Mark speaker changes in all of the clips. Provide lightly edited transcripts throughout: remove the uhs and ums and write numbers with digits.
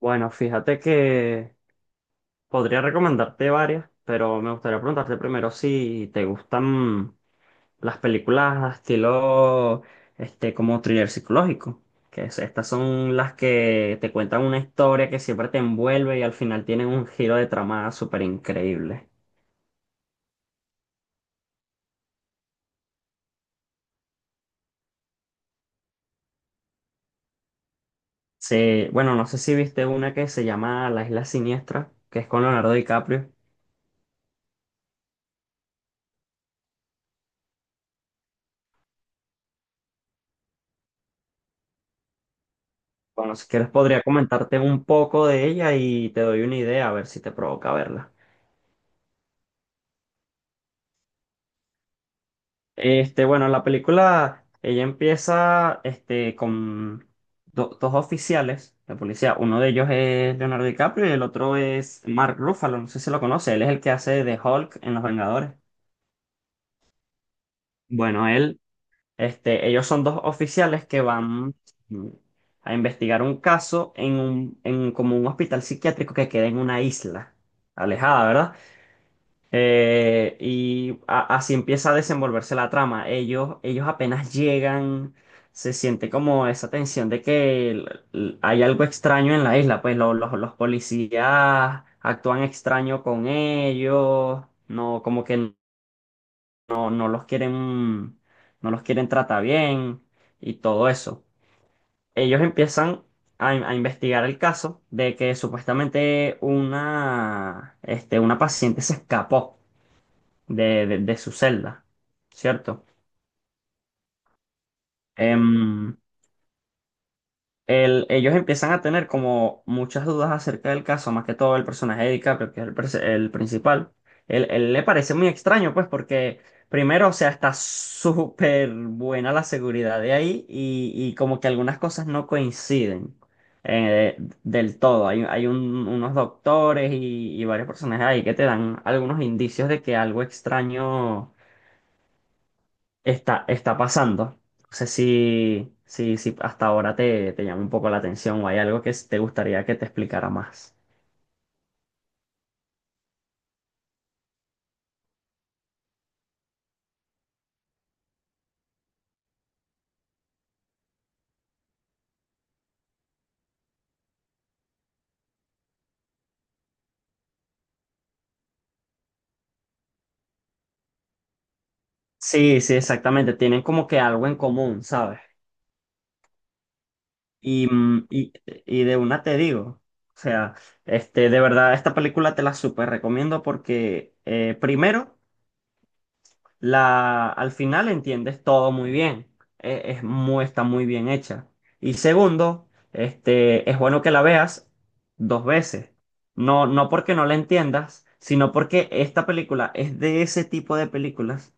Speaker 1: Bueno, fíjate que podría recomendarte varias, pero me gustaría preguntarte primero si te gustan las películas estilo, como thriller psicológico, estas son las que te cuentan una historia que siempre te envuelve y al final tienen un giro de trama súper increíble. Sí, bueno, no sé si viste una que se llama La Isla Siniestra, que es con Leonardo DiCaprio. Bueno, si quieres podría comentarte un poco de ella y te doy una idea a ver si te provoca verla. La película, ella empieza con dos oficiales de policía. Uno de ellos es Leonardo DiCaprio y el otro es Mark Ruffalo. No sé si lo conoce. Él es el que hace de Hulk en Los Vengadores. Bueno, él, ellos son dos oficiales que van mm, a investigar un caso en como un hospital psiquiátrico que queda en una isla alejada, ¿verdad? Así empieza a desenvolverse la trama. Ellos apenas llegan, se siente como esa tensión de que hay algo extraño en la isla, pues los policías actúan extraño con ellos, no, como que no los quieren, no los quieren tratar bien y todo eso. Ellos empiezan a investigar el caso de que supuestamente una paciente se escapó de su celda, ¿cierto? Em, ellos empiezan a tener como muchas dudas acerca del caso, más que todo el personaje de DiCaprio, que es el principal. Él le parece muy extraño, pues, porque primero, o sea, está súper buena la seguridad de ahí y como que algunas cosas no coinciden eh, del todo. Hay unos doctores y varios personajes ahí que te dan algunos indicios de que algo extraño está pasando. No sé si hasta ahora te llama un poco la atención o hay algo que te gustaría que te explicara más. Sí, sí, exactamente. Tienen como que algo en común, ¿sabes? Y, mm, y, y de una te digo, o sea, de verdad, esta película te la súper recomiendo porque, primero, al final entiendes todo muy bien. Está muy bien hecha. Y segundo, es bueno que la veas dos veces. No, no porque no la entiendas, sino porque esta película es de ese tipo de películas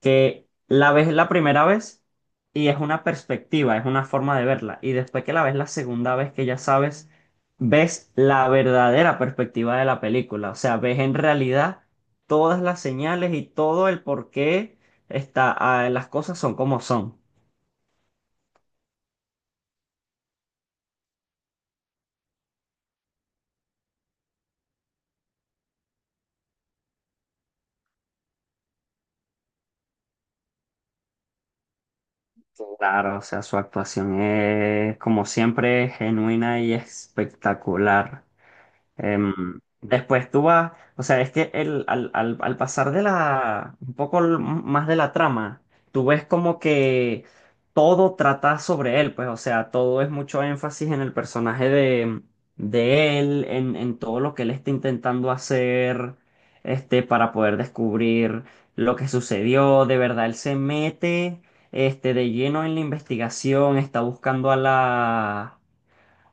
Speaker 1: que la ves la primera vez y es una perspectiva, es una forma de verla. Y después que la ves la segunda vez que ya sabes, ves la verdadera perspectiva de la película. O sea, ves en realidad todas las señales y todo el por qué está, ah, las cosas son como son. Claro, o sea, su actuación es como siempre genuina y espectacular. Después tú vas, o sea, es que al pasar de un poco más de la trama, tú ves como que todo trata sobre él, pues, o sea, todo es mucho énfasis en el personaje de él, en todo lo que él está intentando hacer, para poder descubrir lo que sucedió, de verdad, él se mete, de lleno en la investigación, está buscando a la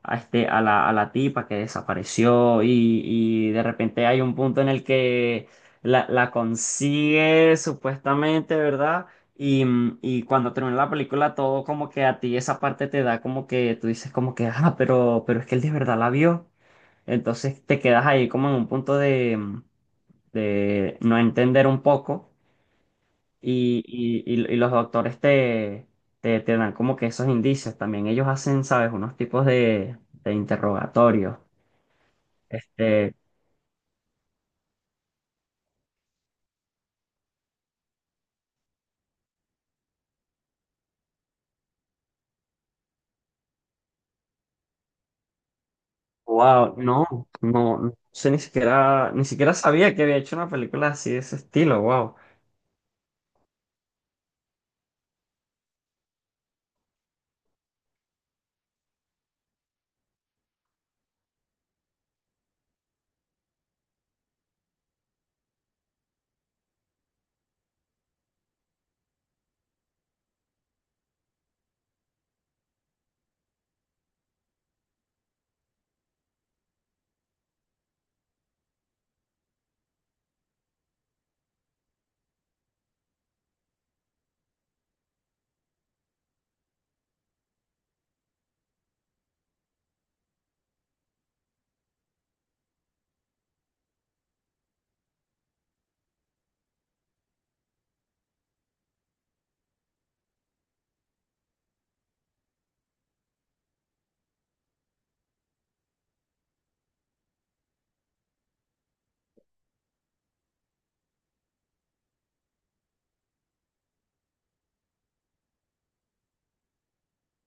Speaker 1: a, este, a la tipa que desapareció y de repente hay un punto en el que la consigue supuestamente, ¿verdad? Y cuando termina la película, todo como que a ti esa parte te da como que tú dices como que, ah, pero es que él de verdad la vio. Entonces te quedas ahí como en un punto de, de no entender un poco. Y los doctores te dan como que esos indicios también. Ellos hacen, ¿sabes? Unos tipos de interrogatorios. Este, wow, no sé ni siquiera, ni siquiera sabía que había hecho una película así de ese estilo, wow.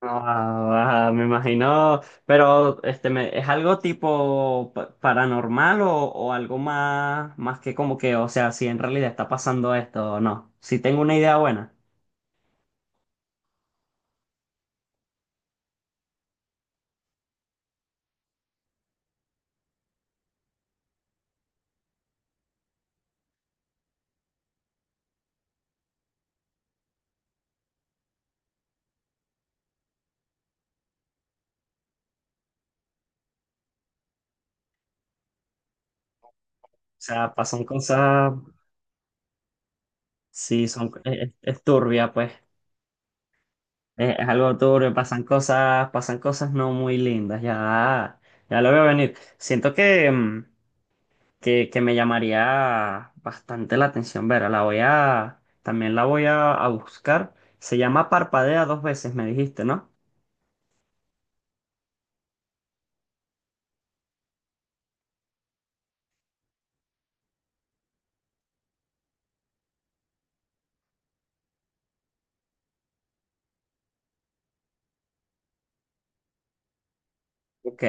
Speaker 1: Ah, ah, me imagino, pero ¿es algo tipo paranormal o algo más, más que como que, o sea, si en realidad está pasando esto o no? Si tengo una idea buena, o sea, pasan cosas. Sí, son, es turbia, pues. Es algo turbio, pasan cosas no muy lindas, ya, ya lo veo venir. Siento que, que me llamaría bastante la atención, Vera, la voy a, también la voy a buscar. Se llama Parpadea dos veces, me dijiste, ¿no? Ok.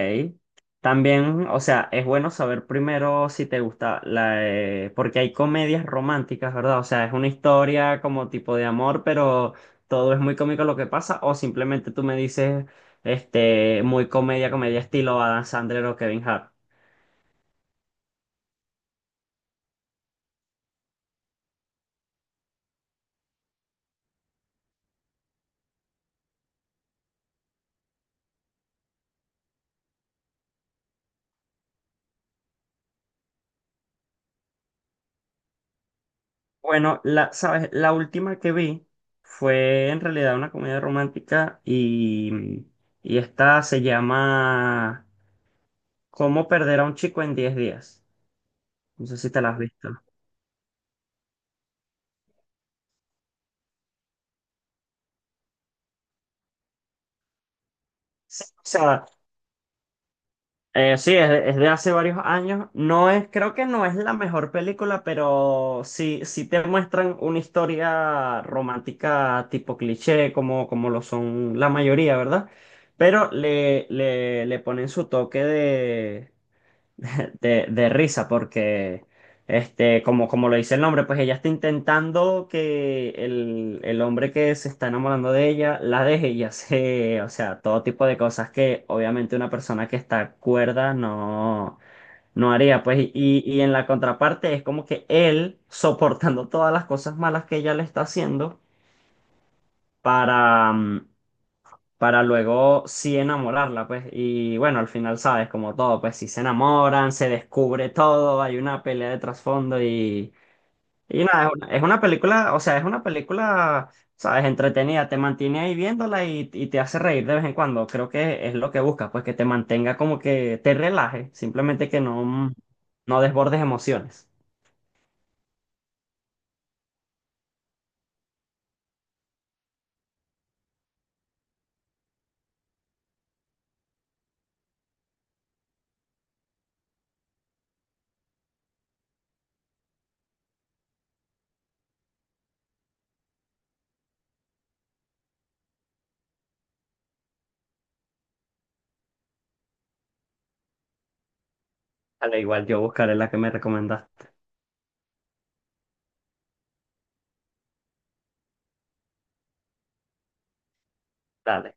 Speaker 1: También, o sea, es bueno saber primero si te gusta la... porque hay comedias románticas, ¿verdad? O sea, es una historia como tipo de amor, pero todo es muy cómico lo que pasa. O simplemente tú me dices, muy comedia, comedia estilo Adam Sandler o Kevin Hart. Bueno, la, ¿sabes? La última que vi fue en realidad una comedia romántica y esta se llama ¿Cómo perder a un chico en diez días? No sé si te la has visto. Sí, o sea, sí, es de hace varios años. No es, creo que no es la mejor película, pero sí, sí te muestran una historia romántica tipo cliché, como, como lo son la mayoría, ¿verdad? Pero le ponen su toque de risa porque, como, como lo dice el nombre, pues ella está intentando que el hombre que se está enamorando de ella la deje y hace, o sea, todo tipo de cosas que obviamente una persona que está cuerda no, no haría. Pues, y en la contraparte es como que él soportando todas las cosas malas que ella le está haciendo para... mm, para luego sí enamorarla, pues. Y bueno, al final, sabes, como todo, pues si se enamoran, se descubre todo, hay una pelea de trasfondo y nada, es una película, o sea, es una película, sabes, entretenida, te mantiene ahí viéndola y te hace reír de vez en cuando. Creo que es lo que buscas, pues que te mantenga como que te relaje, simplemente que no, no desbordes emociones. Al igual yo buscaré la que me recomendaste. Dale.